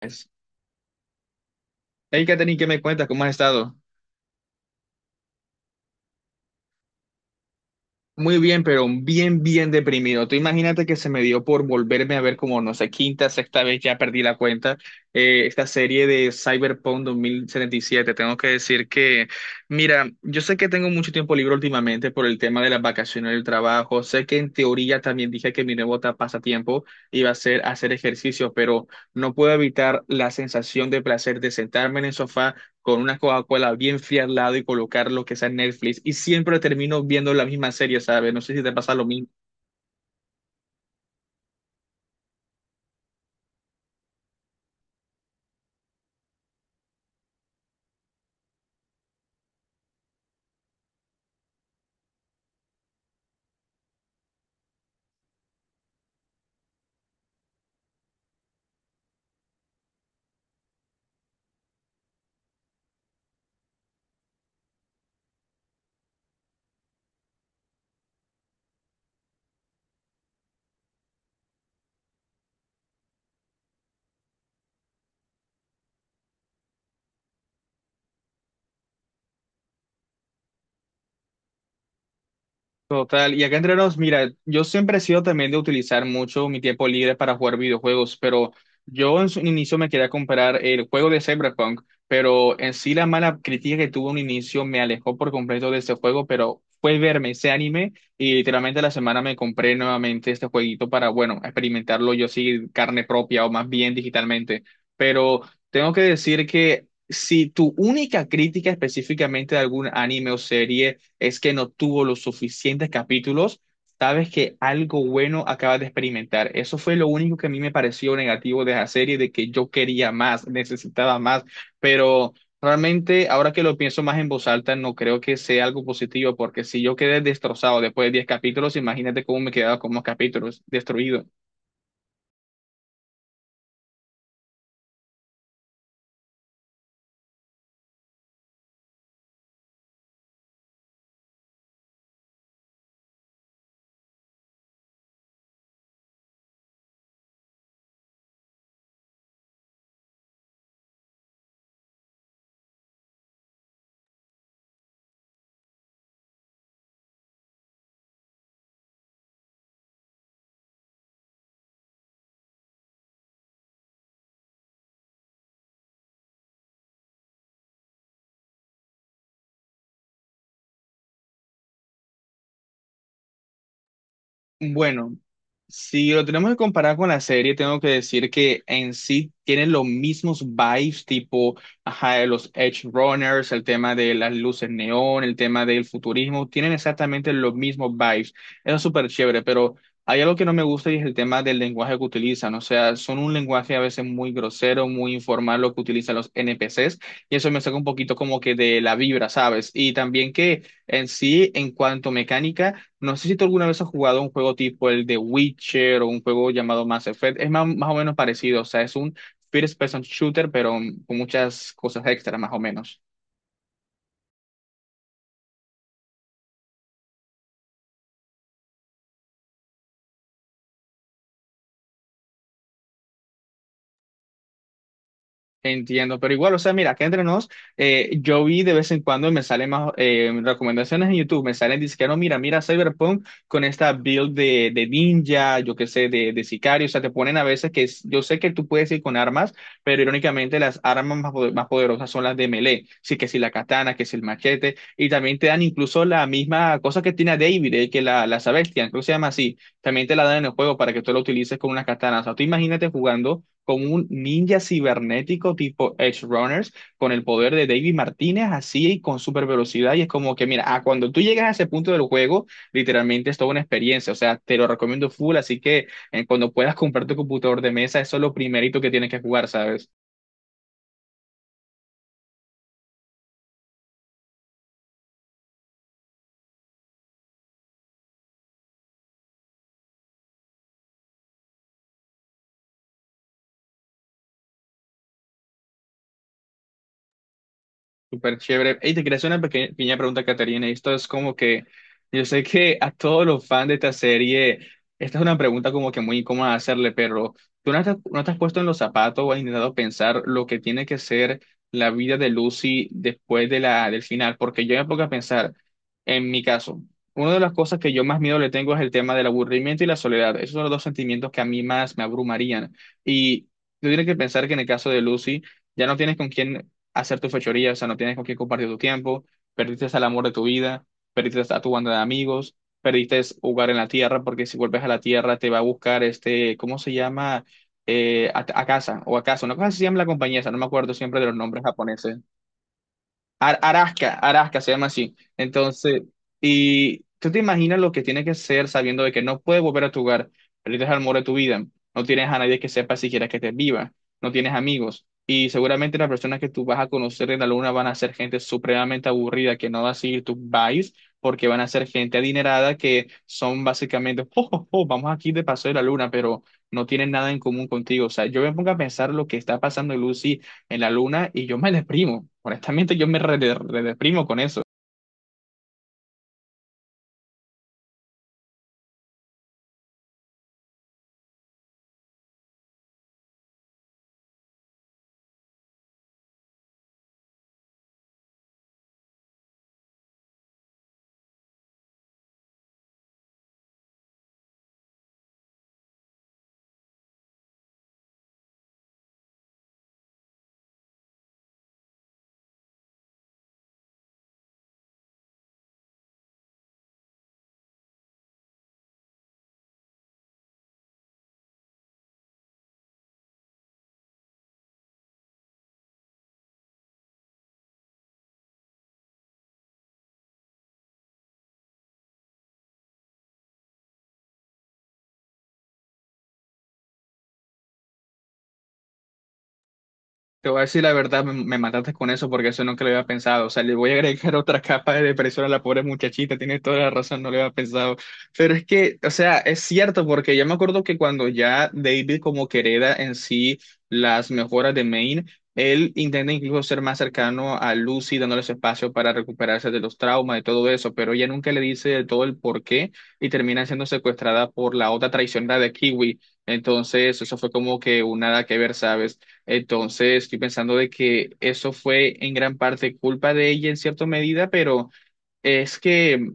Es- Hey, Katherine, ¿qué me cuentas? ¿Cómo has estado? Muy bien, pero bien, bien deprimido. Tú imagínate que se me dio por volverme a ver como, no sé, quinta, sexta vez, ya perdí la cuenta, esta serie de Cyberpunk 2077. Tengo que decir que, mira, yo sé que tengo mucho tiempo libre últimamente por el tema de las vacaciones del trabajo. Sé que en teoría también dije que mi nuevo pasatiempo iba a ser hacer ejercicio, pero no puedo evitar la sensación de placer de sentarme en el sofá con una Coca-Cola bien fría al lado y colocar lo que sea en Netflix y siempre termino viendo la misma serie, ¿sabes? No sé si te pasa lo mismo. Total, y acá entre nos, mira, yo siempre he sido también de utilizar mucho mi tiempo libre para jugar videojuegos, pero yo en su inicio me quería comprar el juego de Cyberpunk, pero en sí la mala crítica que tuvo un inicio me alejó por completo de este juego, pero fue verme ese anime y literalmente la semana me compré nuevamente este jueguito para, bueno, experimentarlo yo sí carne propia o más bien digitalmente, pero tengo que decir que si tu única crítica específicamente de algún anime o serie es que no tuvo los suficientes capítulos, sabes que algo bueno acabas de experimentar. Eso fue lo único que a mí me pareció negativo de la serie, de que yo quería más, necesitaba más, pero... Realmente, ahora que lo pienso más en voz alta, no creo que sea algo positivo, porque si yo quedé destrozado después de 10 capítulos, imagínate cómo me quedaba con más capítulos, destruido. Bueno, si lo tenemos que comparar con la serie, tengo que decir que en sí tienen los mismos vibes, tipo, ajá, de los Edge Runners, el tema de las luces neón, el tema del futurismo, tienen exactamente los mismos vibes. Eso es súper chévere, pero hay algo que no me gusta y es el tema del lenguaje que utilizan. O sea, son un lenguaje a veces muy grosero, muy informal lo que utilizan los NPCs, y eso me saca un poquito como que de la vibra, ¿sabes? Y también que en sí, en cuanto a mecánica, no sé si tú alguna vez has jugado un juego tipo el de Witcher o un juego llamado Mass Effect. Es más, más o menos parecido, o sea, es un first person shooter, pero con muchas cosas extra, más o menos. Entiendo, pero igual, o sea, mira, que entre nos, yo vi de vez en cuando me salen más recomendaciones en YouTube, me salen diciendo, no, mira, mira Cyberpunk con esta build de, ninja, yo qué sé, de, sicario, o sea, te ponen a veces que yo sé que tú puedes ir con armas, pero irónicamente las armas más, más poderosas son las de melee, sí que si la katana, que es el machete, y también te dan incluso la misma cosa que tiene a David, que la, Sebastian, creo que se llama así, también te la dan en el juego para que tú la utilices con una katana, o sea, tú imagínate jugando como un ninja cibernético tipo Edge Runners con el poder de David Martínez, así y con super velocidad. Y es como que, mira, ah, cuando tú llegas a ese punto del juego, literalmente es toda una experiencia. O sea, te lo recomiendo full. Así que cuando puedas comprar tu computador de mesa, eso es lo primerito que tienes que jugar, ¿sabes? Súper chévere. Y te quería hacer una pequeña pregunta, Caterina. Esto es como que yo sé que a todos los fans de esta serie, esta es una pregunta como que muy incómoda hacerle, pero ¿tú no te has puesto en los zapatos o has intentado pensar lo que tiene que ser la vida de Lucy después de del final? Porque yo me pongo a pensar, en mi caso, una de las cosas que yo más miedo le tengo es el tema del aburrimiento y la soledad. Esos son los 2 sentimientos que a mí más me abrumarían. Y tú tienes que pensar que en el caso de Lucy, ya no tienes con quién hacer tu fechoría, o sea, no tienes con quién compartir tu tiempo, perdiste el amor de tu vida, perdiste a tu banda de amigos, perdiste jugar en la tierra, porque si vuelves a la tierra te va a buscar este, ¿cómo se llama? A, casa o a casa, una cosa así se llama la compañía, esa, no me acuerdo siempre de los nombres japoneses. Arasca, Arasca se llama así. Entonces, y tú te imaginas lo que tiene que ser sabiendo de que no puedes volver a tu hogar, perdiste el amor de tu vida, no tienes a nadie que sepa siquiera que estés viva, no tienes amigos, y seguramente las personas que tú vas a conocer en la luna van a ser gente supremamente aburrida que no va a seguir tus vibes, porque van a ser gente adinerada que son básicamente, oh, oh, oh, vamos aquí de paso de la luna, pero no tienen nada en común contigo. O sea, yo me pongo a pensar lo que está pasando, Lucy en la luna y yo me deprimo. Honestamente, yo me redeprimo con eso. Te voy a decir la verdad, me mataste con eso porque eso nunca lo había pensado. O sea, le voy a agregar otra capa de depresión a la pobre muchachita, tiene toda la razón, no lo había pensado. Pero es que, o sea, es cierto porque ya me acuerdo que cuando ya David como que hereda en sí las mejoras de Maine, él intenta incluso ser más cercano a Lucy, dándole su espacio para recuperarse de los traumas y todo eso, pero ella nunca le dice de todo el por qué y termina siendo secuestrada por la otra traicionera de Kiwi. Entonces, eso fue como que un nada que ver, ¿sabes? Entonces, estoy pensando de que eso fue en gran parte culpa de ella en cierta medida, pero es que,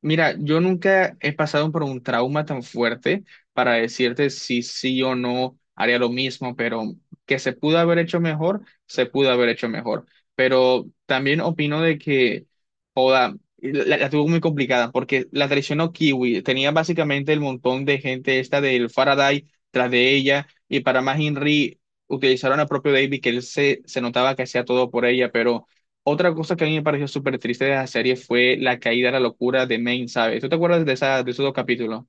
mira, yo nunca he pasado por un trauma tan fuerte para decirte si sí o no haría lo mismo, pero que se pudo haber hecho mejor, se pudo haber hecho mejor. Pero también opino de que la, tuvo muy complicada porque la traicionó Kiwi. Tenía básicamente el montón de gente esta del Faraday tras de ella. Y para más Henry utilizaron al propio David, que él se notaba que hacía todo por ella. Pero otra cosa que a mí me pareció súper triste de la serie fue la caída a la locura de Main, ¿sabes? ¿Tú te acuerdas de, esa, de esos 2 capítulos?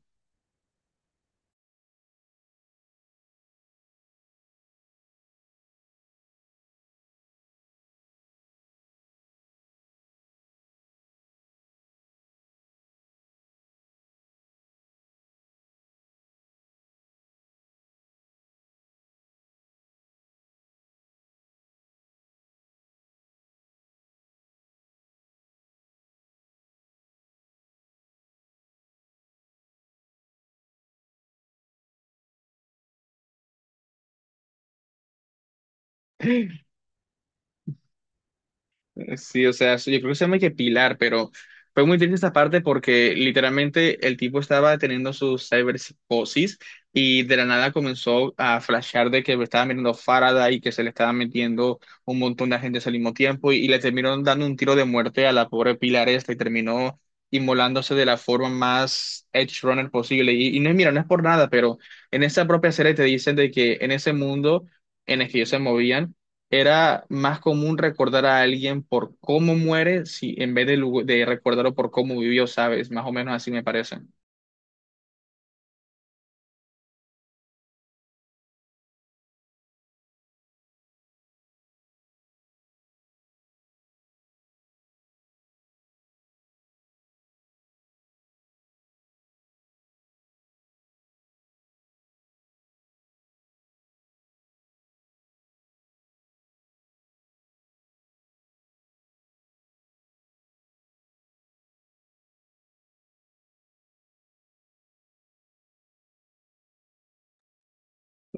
Sí, o sea, yo creo que se llama que Pilar, pero fue muy triste esta parte porque literalmente el tipo estaba teniendo su cyberpsicosis y de la nada comenzó a flashear de que estaba mirando Faraday y que se le estaba metiendo un montón de agentes al mismo tiempo y le terminaron dando un tiro de muerte a la pobre Pilar esta y terminó inmolándose de la forma más edge runner posible. Y no, mira, no es por nada, pero en esa propia serie te dicen de que en ese mundo en el que ellos se movían, era más común recordar a alguien por cómo muere, si en vez de, de recordarlo por cómo vivió, ¿sabes? Más o menos así me parece.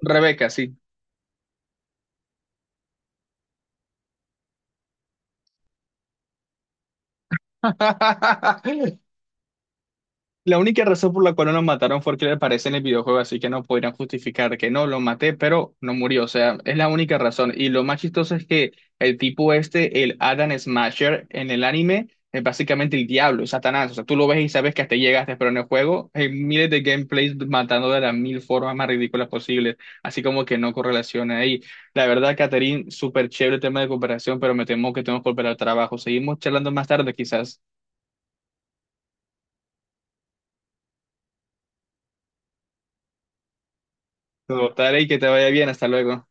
Rebeca, sí. La única razón por la cual no lo mataron fue que le aparece en el videojuego, así que no podrían justificar que no, lo maté, pero no murió. O sea, es la única razón. Y lo más chistoso es que el tipo este, el Adam Smasher, en el anime, es básicamente el diablo, es Satanás. O sea, tú lo ves y sabes que hasta llegaste, pero en el juego hay miles de gameplays matando de las mil formas más ridículas posibles. Así como que no correlaciona ahí. La verdad, Catherine, súper chévere el tema de cooperación, pero me temo que tenemos que volver al trabajo. Seguimos charlando más tarde, quizás. Total, y que te vaya bien. Hasta luego.